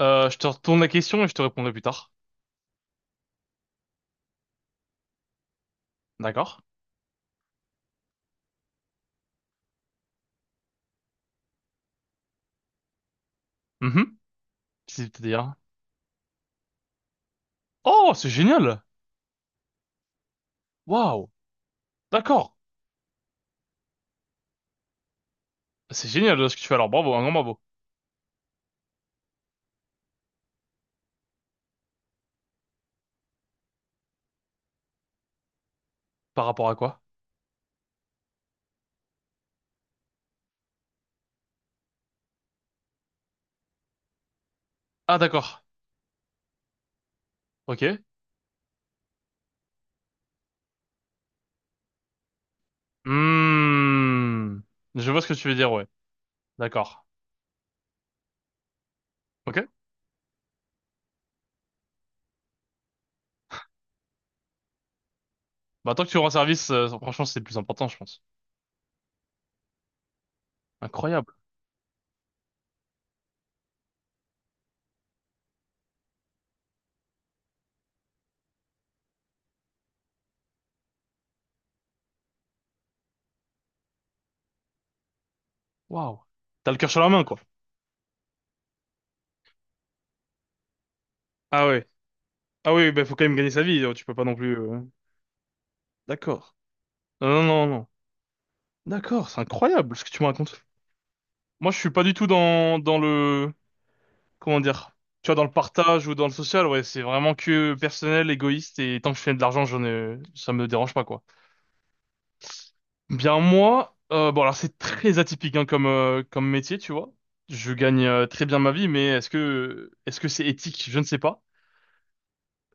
Je te retourne la question et je te répondrai plus tard. D'accord? Mhm. C'est-à-dire... Oh, c'est génial! Waouh! D'accord. C'est génial ce que tu fais alors. Bravo, un grand bravo. Par rapport à quoi? Ah, d'accord. Ok. Hmm. Je vois ce que tu veux dire, ouais. D'accord. Ok. Bah, tant que tu rends service, franchement, c'est le plus important, je pense. Incroyable. Waouh. T'as le cœur sur la main, quoi. Ah ouais. Ah oui, bah faut quand même gagner sa vie, tu peux pas non plus... D'accord. Non, non, non, non. D'accord, c'est incroyable ce que tu me racontes. Moi, je suis pas du tout dans le... comment dire, tu vois, dans le partage ou dans le social, ouais, c'est vraiment que personnel, égoïste, et tant que je fais de l'argent, j'en ai, ça me dérange pas, quoi. Bien, moi, bon, alors c'est très atypique, hein, comme, comme métier, tu vois. Je gagne très bien ma vie, mais est-ce que c'est éthique? Je ne sais pas.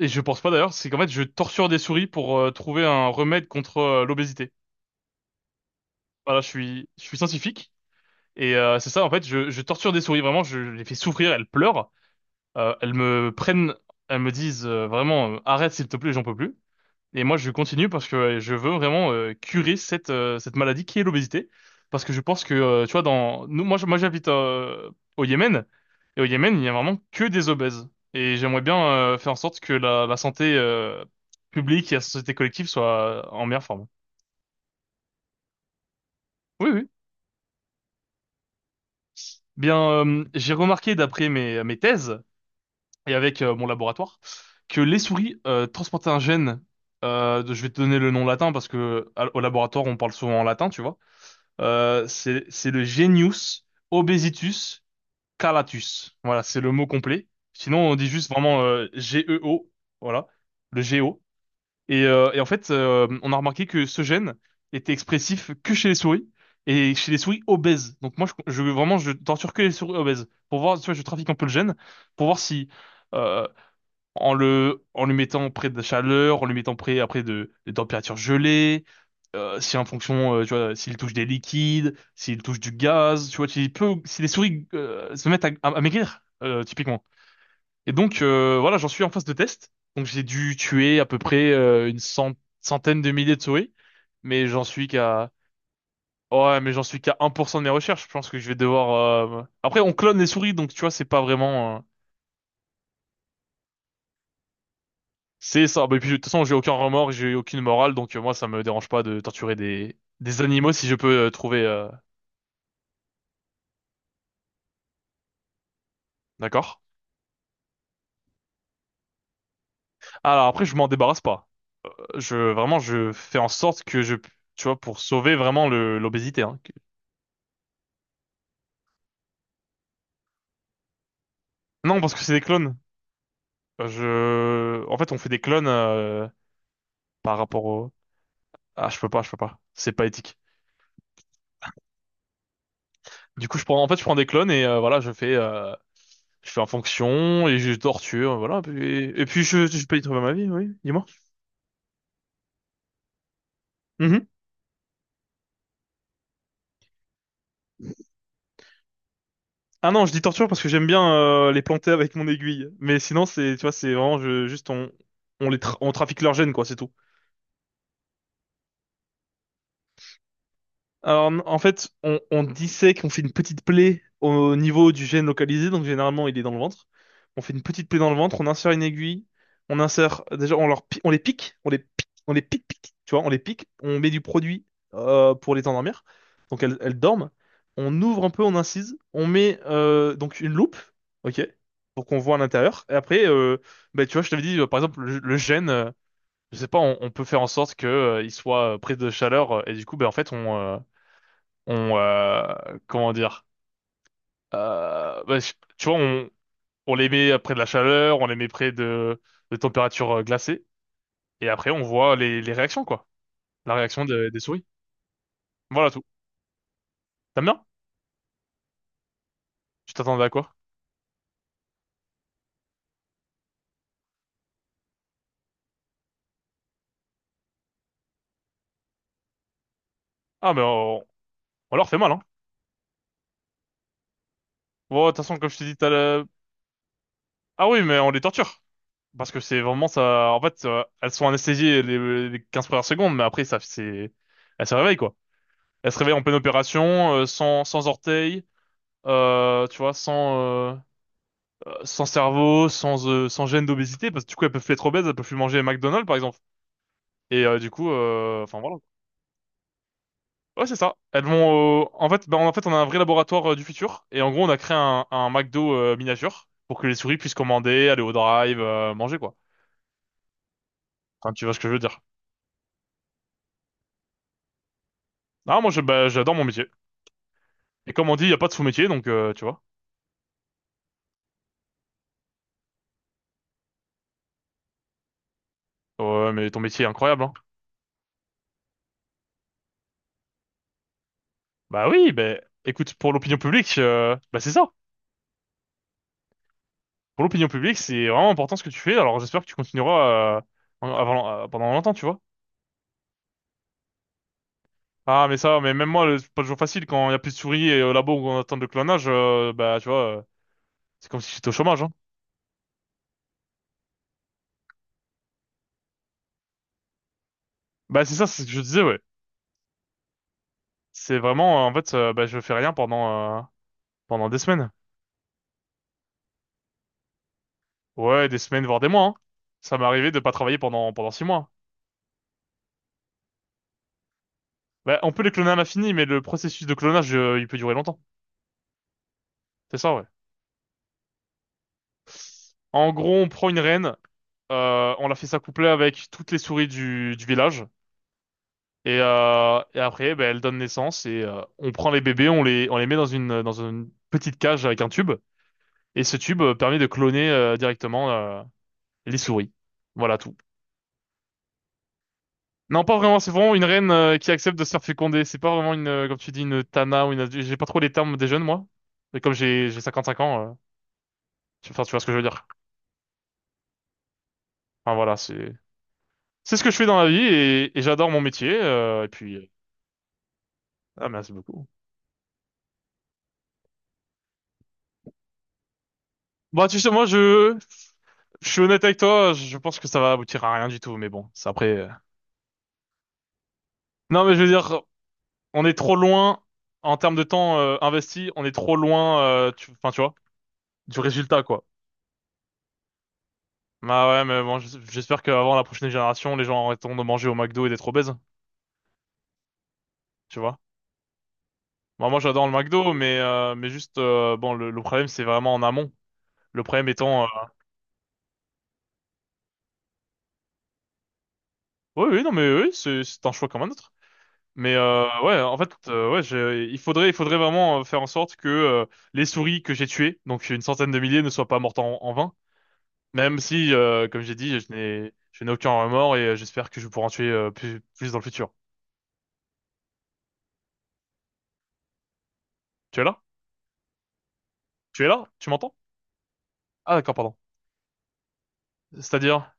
Et je pense pas d'ailleurs, c'est qu'en fait, je torture des souris pour trouver un remède contre l'obésité. Voilà, je suis scientifique. Et c'est ça, en fait, je torture des souris, vraiment, je les fais souffrir, elles pleurent. Elles me prennent, elles me disent vraiment arrête s'il te plaît, j'en peux plus. Et moi je continue parce que je veux vraiment curer cette cette maladie qui est l'obésité parce que je pense que tu vois dans nous moi j'habite au Yémen et au Yémen il y a vraiment que des obèses et j'aimerais bien faire en sorte que la santé publique et la société collective soit en meilleure forme. Oui oui. Bien j'ai remarqué d'après mes thèses et avec mon laboratoire que les souris transportaient un gène. Je vais te donner le nom latin parce que au laboratoire on parle souvent en latin, tu vois. C'est le genius obesitus calatus. Voilà, c'est le mot complet. Sinon on dit juste vraiment GEO, voilà, le GEO. Et en fait, on a remarqué que ce gène était expressif que chez les souris et chez les souris obèses. Donc moi, vraiment, je torture que les souris obèses pour voir, tu vois, je trafique un peu le gène pour voir si euh, en le mettant près de la chaleur, en le mettant près après de températures gelées, si en fonction tu vois s'il touche des liquides, s'il touche du gaz, tu vois s'il peut si les souris se mettent à maigrir typiquement. Et donc voilà, j'en suis en phase de test. Donc j'ai dû tuer à peu près centaine de milliers de souris, mais j'en suis qu'à Ouais, mais j'en suis qu'à 1% de mes recherches. Je pense que je vais devoir. Après, on clone les souris, donc tu vois, c'est pas vraiment. C'est ça. Bah, et puis, de toute façon, j'ai aucun remords, j'ai aucune morale, donc moi, ça me dérange pas de torturer des animaux si je peux trouver. D'accord? Alors après, je m'en débarrasse pas. Je vraiment, je fais en sorte que tu vois, pour sauver vraiment le l'obésité, hein. Que- Non, parce que c'est des clones. En fait, on fait des clones par rapport au. Ah, je peux pas. C'est pas éthique. Du coup, en fait, je prends des clones et voilà, je fais en fonction et je torture, voilà. Et puis je peux y trouver ma vie, oui. Dis-moi. Mm-hmm. Ah non, je dis torture parce que j'aime bien les planter avec mon aiguille. Mais sinon, c'est, tu vois, c'est vraiment juste on les on trafique leurs gènes, quoi, c'est tout. Alors, en fait, on dissèque, on fait une petite plaie au niveau du gène localisé, donc généralement il est dans le ventre. On fait une petite plaie dans le ventre, on insère une aiguille, on insère, déjà on, leur, on les pique, tu vois, on les pique, on met du produit pour les endormir, donc elles dorment. On ouvre un peu, on incise, on met donc une loupe, ok, pour qu'on voit à l'intérieur. Et après, bah, tu vois, je t'avais dit, par exemple, le gène, je sais pas, on peut faire en sorte que il soit pris de chaleur, et du coup, bah, en fait, on... on euh, comment dire bah, tu vois on les met près de la chaleur on les met près de températures glacées et après on voit les réactions quoi. La réaction des souris. Voilà tout. T'aimes bien. Tu t'attendais à quoi? Ah mais on leur fait mal, hein. Bon, de toute façon comme je te dis t'as le... Ah oui, mais on les torture parce que c'est vraiment ça, en fait, elles sont anesthésiées les 15 premières secondes, mais après ça c'est elles se réveillent quoi, elles se réveillent en pleine opération sans orteils, tu vois sans euh, sans cerveau, sans gêne d'obésité, parce que du coup, elles peuvent plus être obèses, elles peuvent plus manger McDonald's, par exemple. Et du coup, enfin voilà. Ouais, c'est ça. Elles vont, en fait, en fait, on a un vrai laboratoire du futur, et en gros, on a créé un McDo miniature pour que les souris puissent commander, aller au drive, manger quoi. Enfin, tu vois ce que je veux dire. Ah, moi, je, bah, j'adore mon métier. Et comme on dit, il y a pas de sous-métier, donc tu vois. Ouais, mais ton métier est incroyable, hein. Bah oui, ben écoute, pour l'opinion publique, bah c'est ça. Pour l'opinion publique, c'est vraiment important ce que tu fais. Alors j'espère que tu continueras avant, pendant longtemps, tu vois. Ah, mais ça, mais même moi, c'est pas toujours facile quand il y a plus de souris et au labo où on attend le clonage, bah tu vois, c'est comme si j'étais au chômage, hein. Bah c'est ça, c'est ce que je disais, ouais. C'est vraiment, en fait, bah je fais rien pendant pendant des semaines. Ouais, des semaines voire des mois, hein. Ça m'est arrivé de pas travailler pendant 6 mois. Bah on peut les cloner à l'infini, mais le processus de clonage, il peut durer longtemps. C'est ça, ouais. En gros, on prend une reine, on la fait s'accoupler avec toutes les souris du village. Et après, ben, elle donne naissance et on prend les bébés, on les met dans dans une petite cage avec un tube. Et ce tube permet de cloner directement les souris. Voilà tout. Non, pas vraiment, c'est vraiment une reine qui accepte de se faire féconder. C'est pas vraiment une, comme tu dis, une tana ou une... adulte. J'ai pas trop les termes des jeunes, moi. Mais comme j'ai 55 ans, enfin, tu vois ce que je veux dire. Enfin, voilà, c'est ce que je fais dans la vie et j'adore mon métier. Ah, merci beaucoup. Bah tu sais, je suis honnête avec toi, je pense que ça va aboutir à rien du tout, mais bon, c'est après. Euh. Non, mais je veux dire, on est trop loin en termes de temps investi, on est trop loin, enfin tu vois, du résultat quoi. Bah ouais, mais bon, j'espère qu'avant la prochaine génération, les gens arrêteront de manger au McDo et d'être obèses, tu vois. Bah, moi, j'adore le McDo, mais juste, bon, le problème c'est vraiment en amont. Le problème étant, oui, oui, non, mais oui, c'est un choix comme un autre. Mais ouais, en fait, ouais, il faudrait vraiment faire en sorte que les souris que j'ai tuées, donc une centaine de milliers, ne soient pas mortes en vain. Même si, comme j'ai dit, je n'ai aucun remords et j'espère que je pourrai en tuer plus dans le futur. Tu es là? Tu es là? Tu m'entends? Ah d'accord, pardon. C'est-à-dire,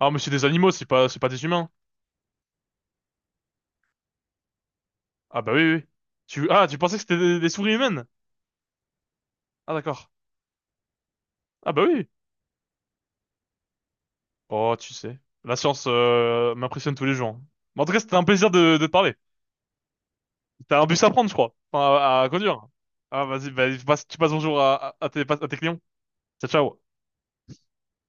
ah mais c'est des animaux, c'est pas des humains. Ah bah oui, oui, oui. Tu, ah tu pensais que c'était des souris humaines? Ah d'accord. Ah bah oui. Oh, tu sais, la science m'impressionne tous les jours. Mais en tout cas, c'était un plaisir de te parler. T'as un bus à prendre, je crois. Enfin, à conduire. Ah, vas-y, bah, tu passes bonjour à tes clients. Ciao, ciao.